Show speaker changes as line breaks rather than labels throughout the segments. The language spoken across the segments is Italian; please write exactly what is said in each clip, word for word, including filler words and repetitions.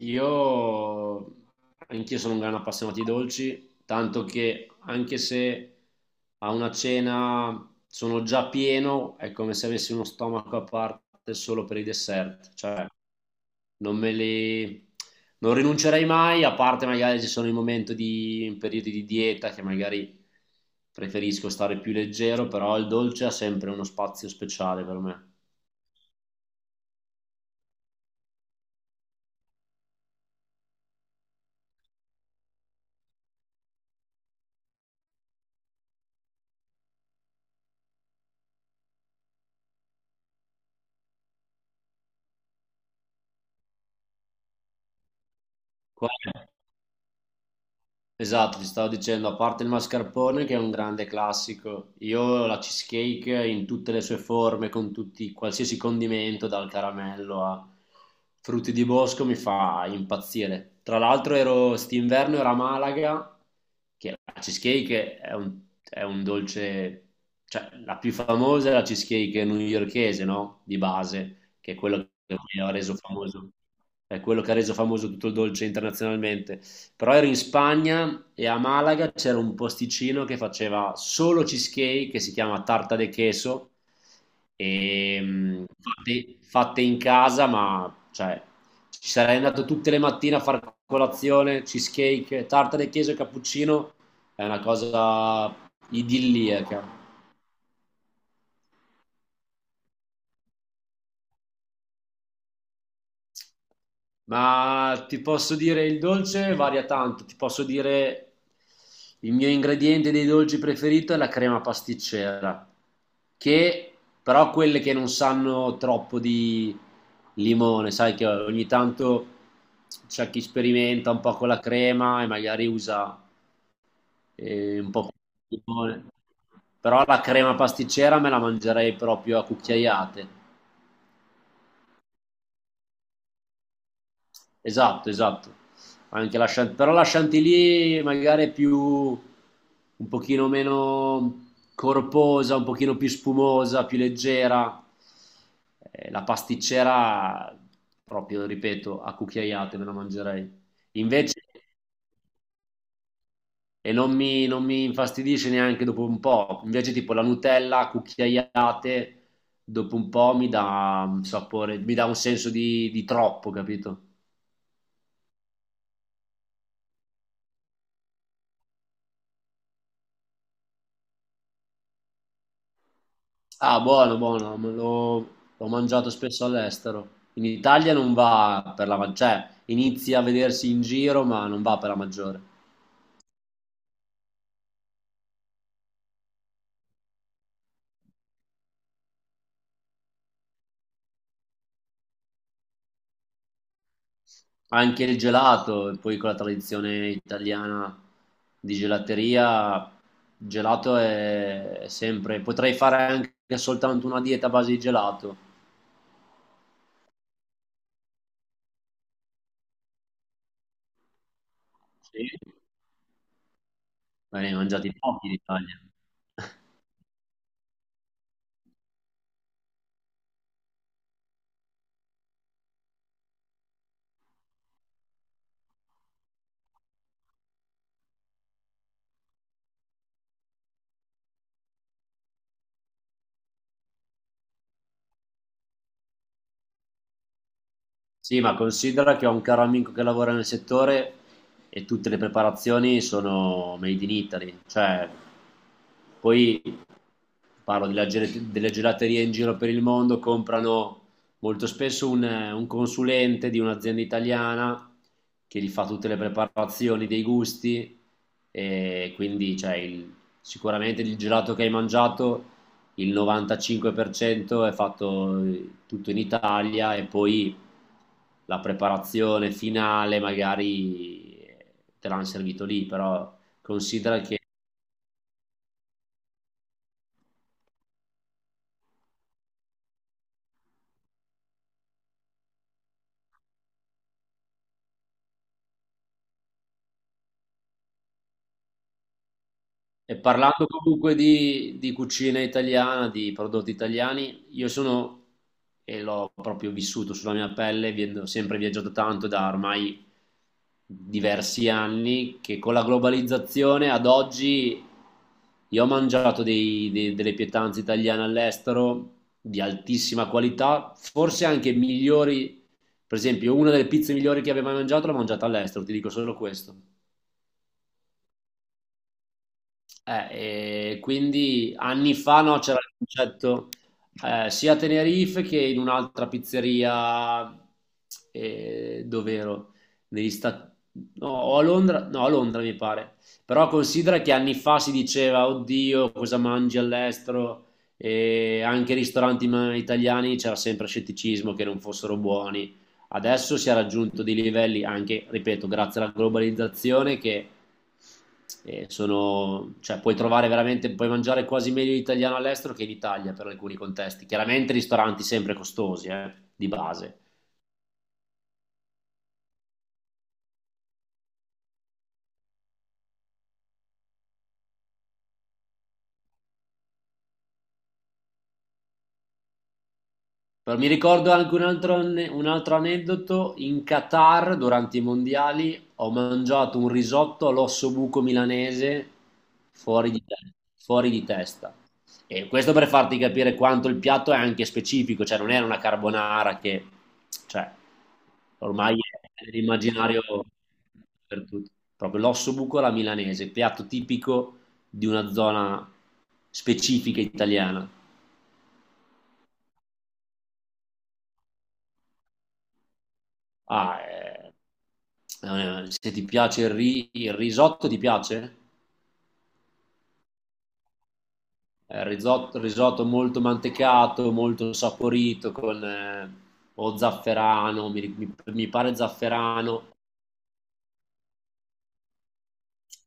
Io anch'io sono un gran appassionato di dolci, tanto che anche se a una cena sono già pieno, è come se avessi uno stomaco a parte solo per i dessert, cioè non me li non rinuncerei mai, a parte magari ci sono i momenti di in periodi di dieta che magari preferisco stare più leggero, però il dolce ha sempre uno spazio speciale per me. Qual è? Esatto, ti stavo dicendo, a parte il mascarpone che è un grande classico, io la cheesecake in tutte le sue forme, con tutti, qualsiasi condimento, dal caramello a frutti di bosco, mi fa impazzire. Tra l'altro ero, st'inverno ero a Malaga, che la cheesecake è un, è un dolce, cioè la più famosa è la cheesecake newyorchese, no? Di base, che è quello che ha reso famoso, è quello che ha reso famoso tutto il dolce internazionalmente. Però ero in Spagna e a Malaga c'era un posticino che faceva solo cheesecake che si chiama Tarta de Queso e mh, fatte, fatte in casa, ma cioè ci sarei andato tutte le mattine a fare colazione, cheesecake, tarta de queso e cappuccino, è una cosa idilliaca. Ma ti posso dire il dolce varia tanto, ti posso dire il mio ingrediente dei dolci preferito è la crema pasticcera, che però quelle che non sanno troppo di limone, sai che ogni tanto c'è chi sperimenta un po' con la crema e magari usa eh, un po' più di limone, però la crema pasticcera me la mangerei proprio a cucchiaiate. Esatto, esatto. Anche la Chant- però la Chantilly magari è più un pochino meno corposa, un pochino più spumosa, più leggera. Eh, la pasticcera, proprio, ripeto, a cucchiaiate me la mangerei. Invece, e non mi, non mi infastidisce neanche dopo un po'. Invece, tipo la Nutella a cucchiaiate, dopo un po' mi dà un sapore, mi dà un senso di, di troppo, capito? Ah, buono, buono, me lo- l'ho mangiato spesso all'estero. In Italia non va per la maggiore, cioè inizia a vedersi in giro, ma non va per la maggiore. Anche il gelato, e poi con la tradizione italiana di gelateria, il gelato è sempre. Potrei fare anche soltanto una dieta a base di gelato. Sì. Ma ne hai mangiati pochi in Italia. Sì, ma considera che ho un caro amico che lavora nel settore e tutte le preparazioni sono made in Italy, cioè poi parlo della gel- delle gelaterie in giro per il mondo, comprano molto spesso un, un consulente di un'azienda italiana che gli fa tutte le preparazioni dei gusti e quindi cioè, il- sicuramente il gelato che hai mangiato il novantacinque per cento è fatto eh, tutto in Italia e poi la preparazione finale magari te l'hanno servito lì, però considera che e parlando comunque di, di cucina italiana, di prodotti italiani, io sono, e l'ho proprio vissuto sulla mia pelle, vi- ho sempre viaggiato tanto da ormai diversi anni, che con la globalizzazione ad oggi io ho mangiato dei- dei- delle pietanze italiane all'estero di altissima qualità, forse anche migliori, per esempio una delle pizze migliori che abbia mai mangiato l'ho mangiata all'estero, ti dico solo questo. Eh, e quindi anni fa no, c'era il concetto eh, sia a Tenerife che in un'altra pizzeria, eh, dove ero? Negli Stati No, o a Londra, no, a Londra mi pare. Però considera che anni fa si diceva, oddio, cosa mangi all'estero? E anche i ristoranti ma- italiani c'era sempre scetticismo che non fossero buoni adesso si è raggiunto dei livelli anche, ripeto, grazie alla globalizzazione che eh, sono, cioè puoi trovare veramente, puoi mangiare quasi meglio italiano all'estero che in Italia per alcuni contesti. Chiaramente ristoranti sempre costosi, eh, di base. Però mi ricordo anche un altro, anne- un altro aneddoto, in Qatar durante i mondiali ho mangiato un risotto all'osso buco milanese fuori di, te- fuori di testa. E questo per farti capire quanto il piatto è anche specifico, cioè non era una carbonara che, cioè, ormai è nell'immaginario per tutti. Proprio l'osso buco alla milanese, piatto tipico di una zona specifica italiana. Ah, eh, eh, se ti piace il, ri- il risotto, ti piace? Eh, risotto, risotto molto mantecato, molto saporito, con eh, o zafferano, mi, mi- mi pare zafferano.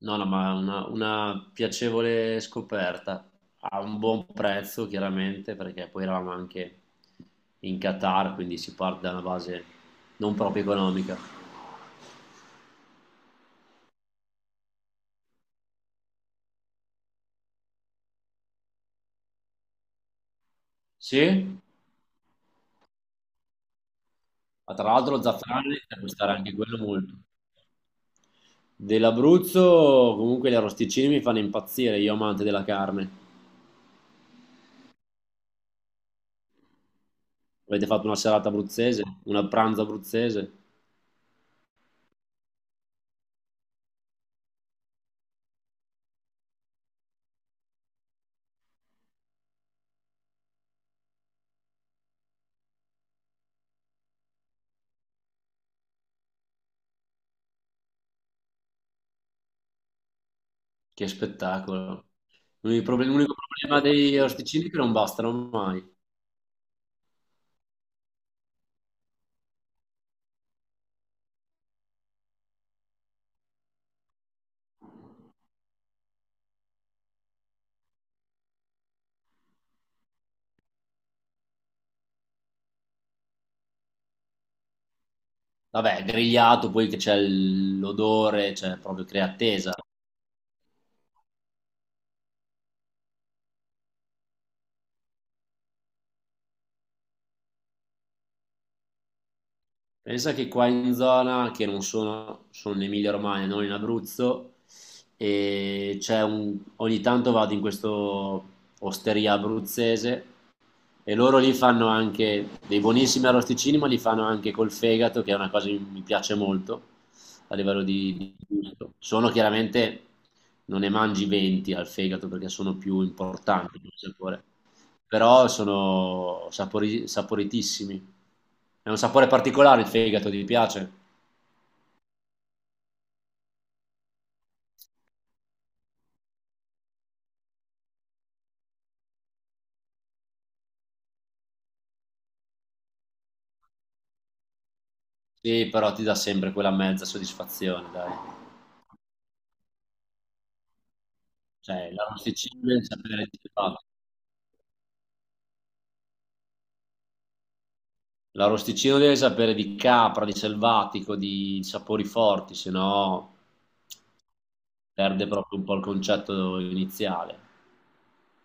No, no, ma una, una piacevole scoperta. A un buon prezzo, chiaramente, perché poi eravamo anche in Qatar, quindi si parte da una base non proprio economica. Sì, ma tra l'altro lo zafferano inizia a costare anche quello molto. Dell'Abruzzo, comunque gli arrosticini mi fanno impazzire, io amante della carne. Avete fatto una serata abruzzese, una pranzo abruzzese? Che spettacolo. L'unico proble- l'unico problema degli arrosticini è che non bastano mai. Vabbè, grigliato, poi che c'è l- l'odore, cioè proprio crea attesa. Pensa che qua in zona, che non sono, sono in Emilia-Romagna, non in Abruzzo, e c'è un, ogni tanto vado in questo osteria abruzzese e loro lì fanno anche dei buonissimi arrosticini, ma li fanno anche col fegato, che è una cosa che mi piace molto a livello di, di gusto. Sono chiaramente, non ne mangi venti al fegato perché sono più importanti come sapore però sono sapori- saporitissimi. È un sapore particolare il fegato, ti piace? Sì, però ti dà sempre quella mezza soddisfazione, dai. Cioè, l'arrosticino deve sapere di selva- l'arrosticino deve sapere di capra, di selvatico, di sapori forti, se no perde proprio un po' il concetto iniziale.